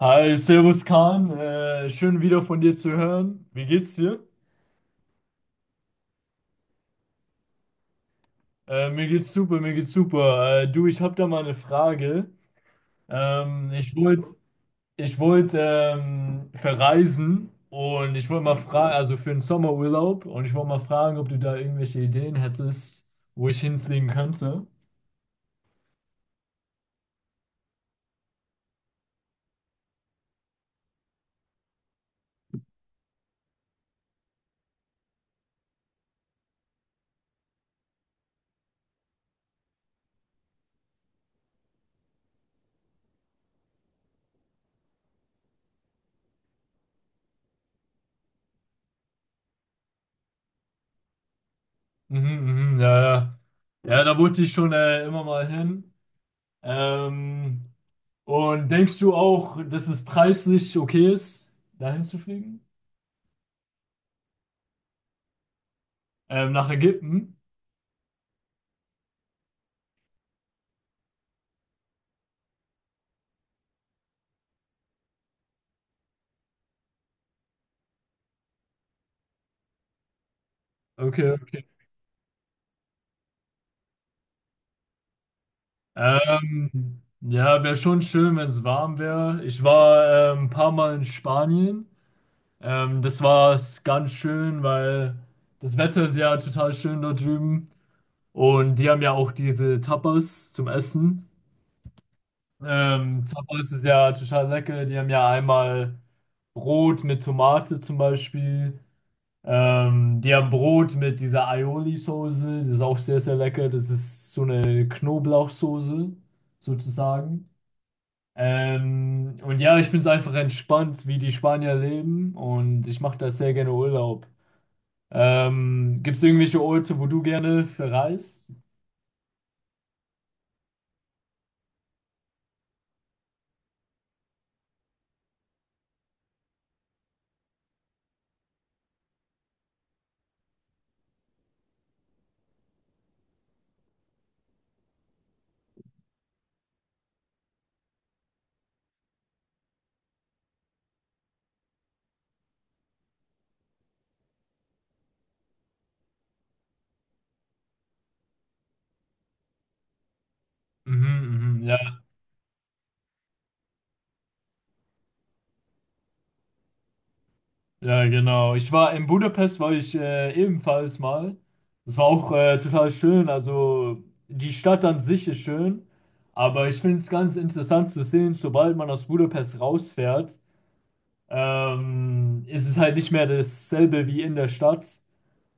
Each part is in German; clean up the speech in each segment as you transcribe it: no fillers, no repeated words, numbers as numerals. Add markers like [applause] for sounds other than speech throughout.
Hi, Servus Kahn, schön wieder von dir zu hören. Wie geht's dir? Mir geht's super, mir geht's super. Du, ich habe da mal eine Frage. Ich wollte verreisen und ich wollte mal fragen, also für den Sommerurlaub, und ich wollte mal fragen, ob du da irgendwelche Ideen hättest, wo ich hinfliegen könnte. Mhm, mhm, ja, ja. Ja, da wollte ich schon immer mal hin. Ähm, und denkst du auch, dass es preislich okay ist, dahin zu fliegen? Nach Ägypten? Okay, okay. Ja, wäre schon schön, wenn es warm wäre. Ich war ein paar Mal in Spanien. Das war ganz schön, weil das Wetter ist ja total schön dort drüben. Und die haben ja auch diese Tapas zum Essen. Tapas ist ja total lecker. Die haben ja einmal Brot mit Tomate zum Beispiel. Die haben Brot mit dieser Aioli-Soße, das ist auch sehr, sehr lecker. Das ist so eine Knoblauchsoße, sozusagen. Und ja, ich finde es einfach entspannt, wie die Spanier leben und ich mache da sehr gerne Urlaub. Gibt es irgendwelche Orte, wo du gerne verreist? Mhm, mhm, ja. Ja, genau. Ich war in Budapest, war ich ebenfalls mal. Das war auch total schön. Also die Stadt an sich ist schön, aber ich finde es ganz interessant zu sehen, sobald man aus Budapest rausfährt, ist es halt nicht mehr dasselbe wie in der Stadt.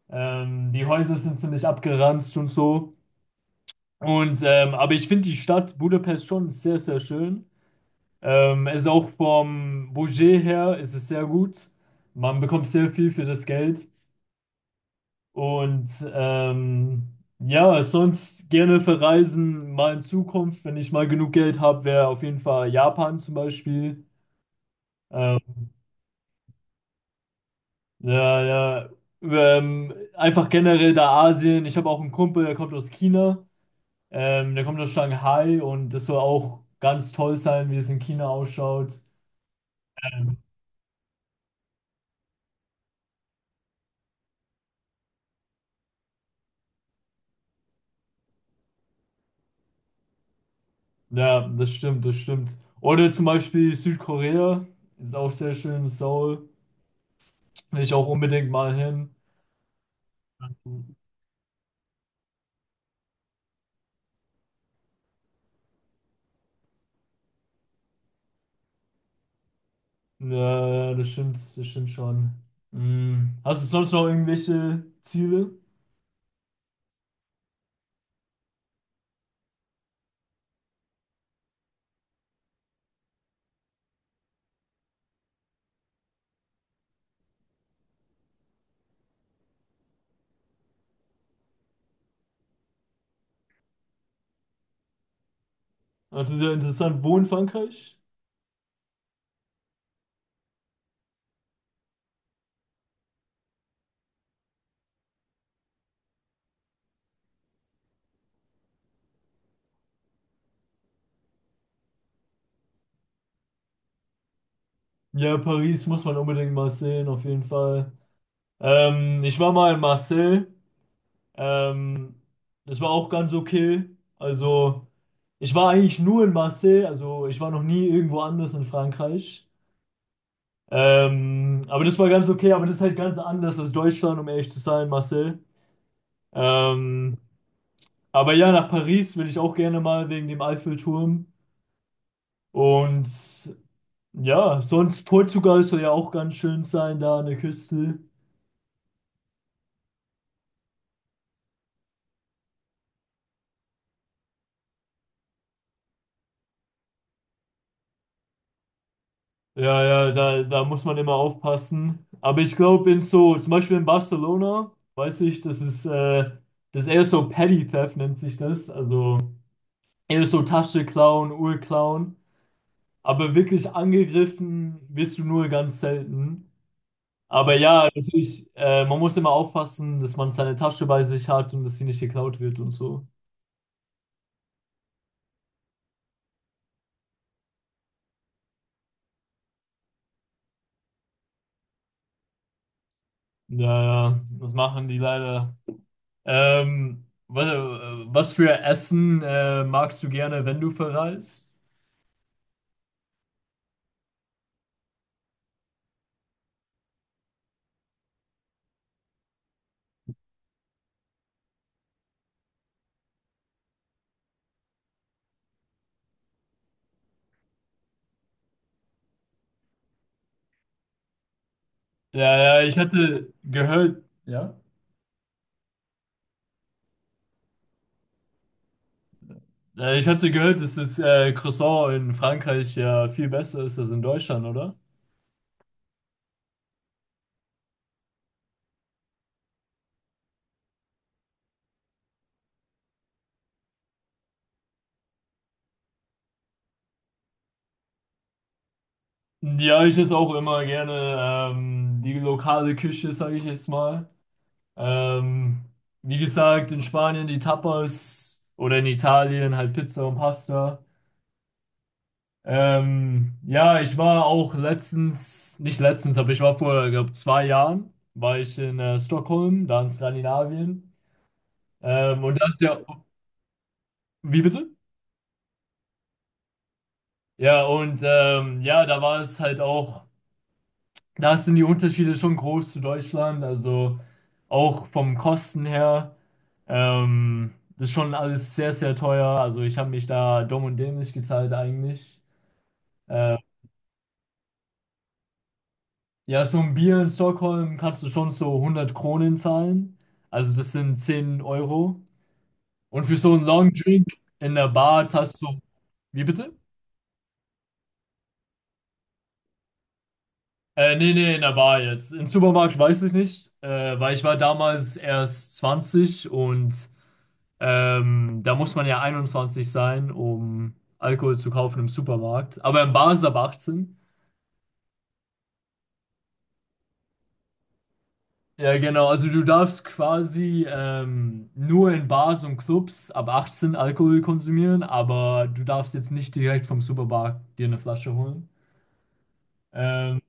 Die Häuser sind ziemlich abgeranzt und so. Und aber ich finde die Stadt Budapest schon sehr, sehr schön. Ist auch vom Budget her ist es sehr gut. Man bekommt sehr viel für das Geld. Und ja, sonst gerne verreisen, mal in Zukunft, wenn ich mal genug Geld habe, wäre auf jeden Fall Japan zum Beispiel. Ähm, ja, ja, einfach generell da Asien. Ich habe auch einen Kumpel, der kommt aus China. Der kommt aus Shanghai und das soll auch ganz toll sein, wie es in China ausschaut. Ja, das stimmt, das stimmt. Oder zum Beispiel Südkorea, ist auch sehr schön, Seoul, will ich auch unbedingt mal hin. Ja, das stimmt schon. Hm. Hast du sonst noch irgendwelche Ziele? Ah, das ist ja interessant. Wo in Frankreich? Ja, Paris muss man unbedingt mal sehen, auf jeden Fall. Ich war mal in Marseille. Ähm, Das war auch ganz okay. Also, ich war eigentlich nur in Marseille. Also, ich war noch nie irgendwo anders in Frankreich. Aber das war ganz okay. Aber das ist halt ganz anders als Deutschland, um ehrlich zu sein, Marseille. Ähm, Aber ja, nach Paris will ich auch gerne mal wegen dem Eiffelturm. Und ja, sonst Portugal soll ja auch ganz schön sein, da an der Küste. Ja, ja, da muss man immer aufpassen. Aber ich glaube, in so, zum Beispiel in Barcelona, weiß ich, das ist eher so Petty Theft, nennt sich das. Also eher so Tasche klauen, Uhr klauen. Aber wirklich angegriffen wirst du nur ganz selten. Aber ja, natürlich, man muss immer aufpassen, dass man seine Tasche bei sich hat und dass sie nicht geklaut wird und so. Ja, ja, das machen die leider. Ähm, was, was für Essen magst du gerne, wenn du verreist? Ja, ja, ich hatte gehört, dass das Croissant in Frankreich ja viel besser ist als in Deutschland, oder? Ja, ich esse auch immer gerne die lokale Küche, sage ich jetzt mal. Ähm, Wie gesagt, in Spanien die Tapas oder in Italien halt Pizza und Pasta. Ja, ich war auch letztens, nicht letztens, aber ich war vor, glaube 2 Jahren, war ich in Stockholm, da in Skandinavien. Ähm, und das ja, wie bitte? Ja, und ja, da war es halt auch. Da sind die Unterschiede schon groß zu Deutschland, also auch vom Kosten her. Das ist schon alles sehr, sehr teuer. Also ich habe mich da dumm und dämlich gezahlt eigentlich. Äh, ja, so ein Bier in Stockholm kannst du schon so 100 Kronen zahlen. Also das sind 10 Euro. Und für so einen Long Drink in der Bar zahlst du... Wie bitte? Nee, nee, in der Bar jetzt. Im Supermarkt weiß ich nicht, weil ich war damals erst 20 und da muss man ja 21 sein, um Alkohol zu kaufen im Supermarkt. Aber in Bars ab 18. Ja, genau. Also du darfst quasi nur in Bars und Clubs ab 18 Alkohol konsumieren, aber du darfst jetzt nicht direkt vom Supermarkt dir eine Flasche holen. Ähm,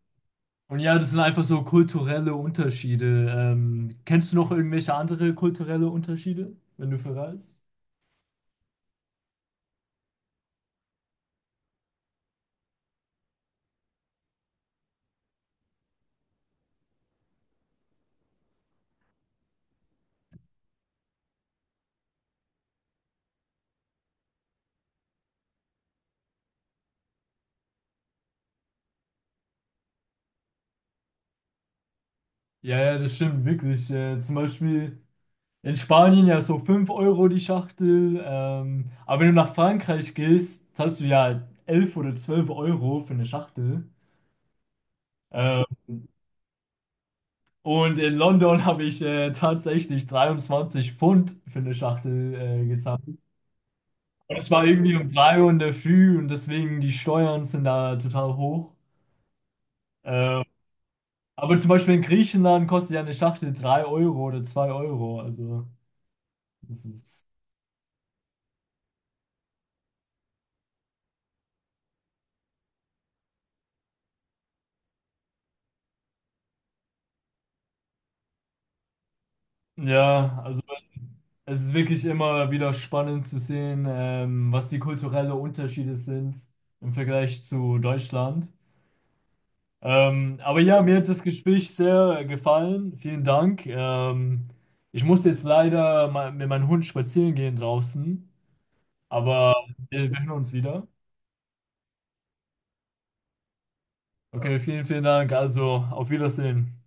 und ja, das sind einfach so kulturelle Unterschiede. Kennst du noch irgendwelche andere kulturelle Unterschiede, wenn du verreist? Ja, ja, das stimmt wirklich. Zum Beispiel. In Spanien ja so 5 Euro die Schachtel. Aber wenn du nach Frankreich gehst, zahlst du ja 11 oder 12 Euro für eine Schachtel. Äh, und in London [laughs] habe ich tatsächlich 23 Pfund für eine Schachtel gezahlt. Und es war irgendwie um 3 Uhr in der Früh und deswegen die Steuern sind da total hoch. Äh, aber zum Beispiel in Griechenland kostet ja eine Schachtel 3 Euro oder 2 Euro. Also, das ist. Ja, also. Es ist wirklich immer wieder spannend zu sehen, was die kulturellen Unterschiede sind im Vergleich zu Deutschland. Aber ja, mir hat das Gespräch sehr gefallen. Vielen Dank. Ich muss jetzt leider mal mit meinem Hund spazieren gehen draußen, aber wir hören uns wieder. Okay, vielen, vielen Dank. Also, auf Wiedersehen.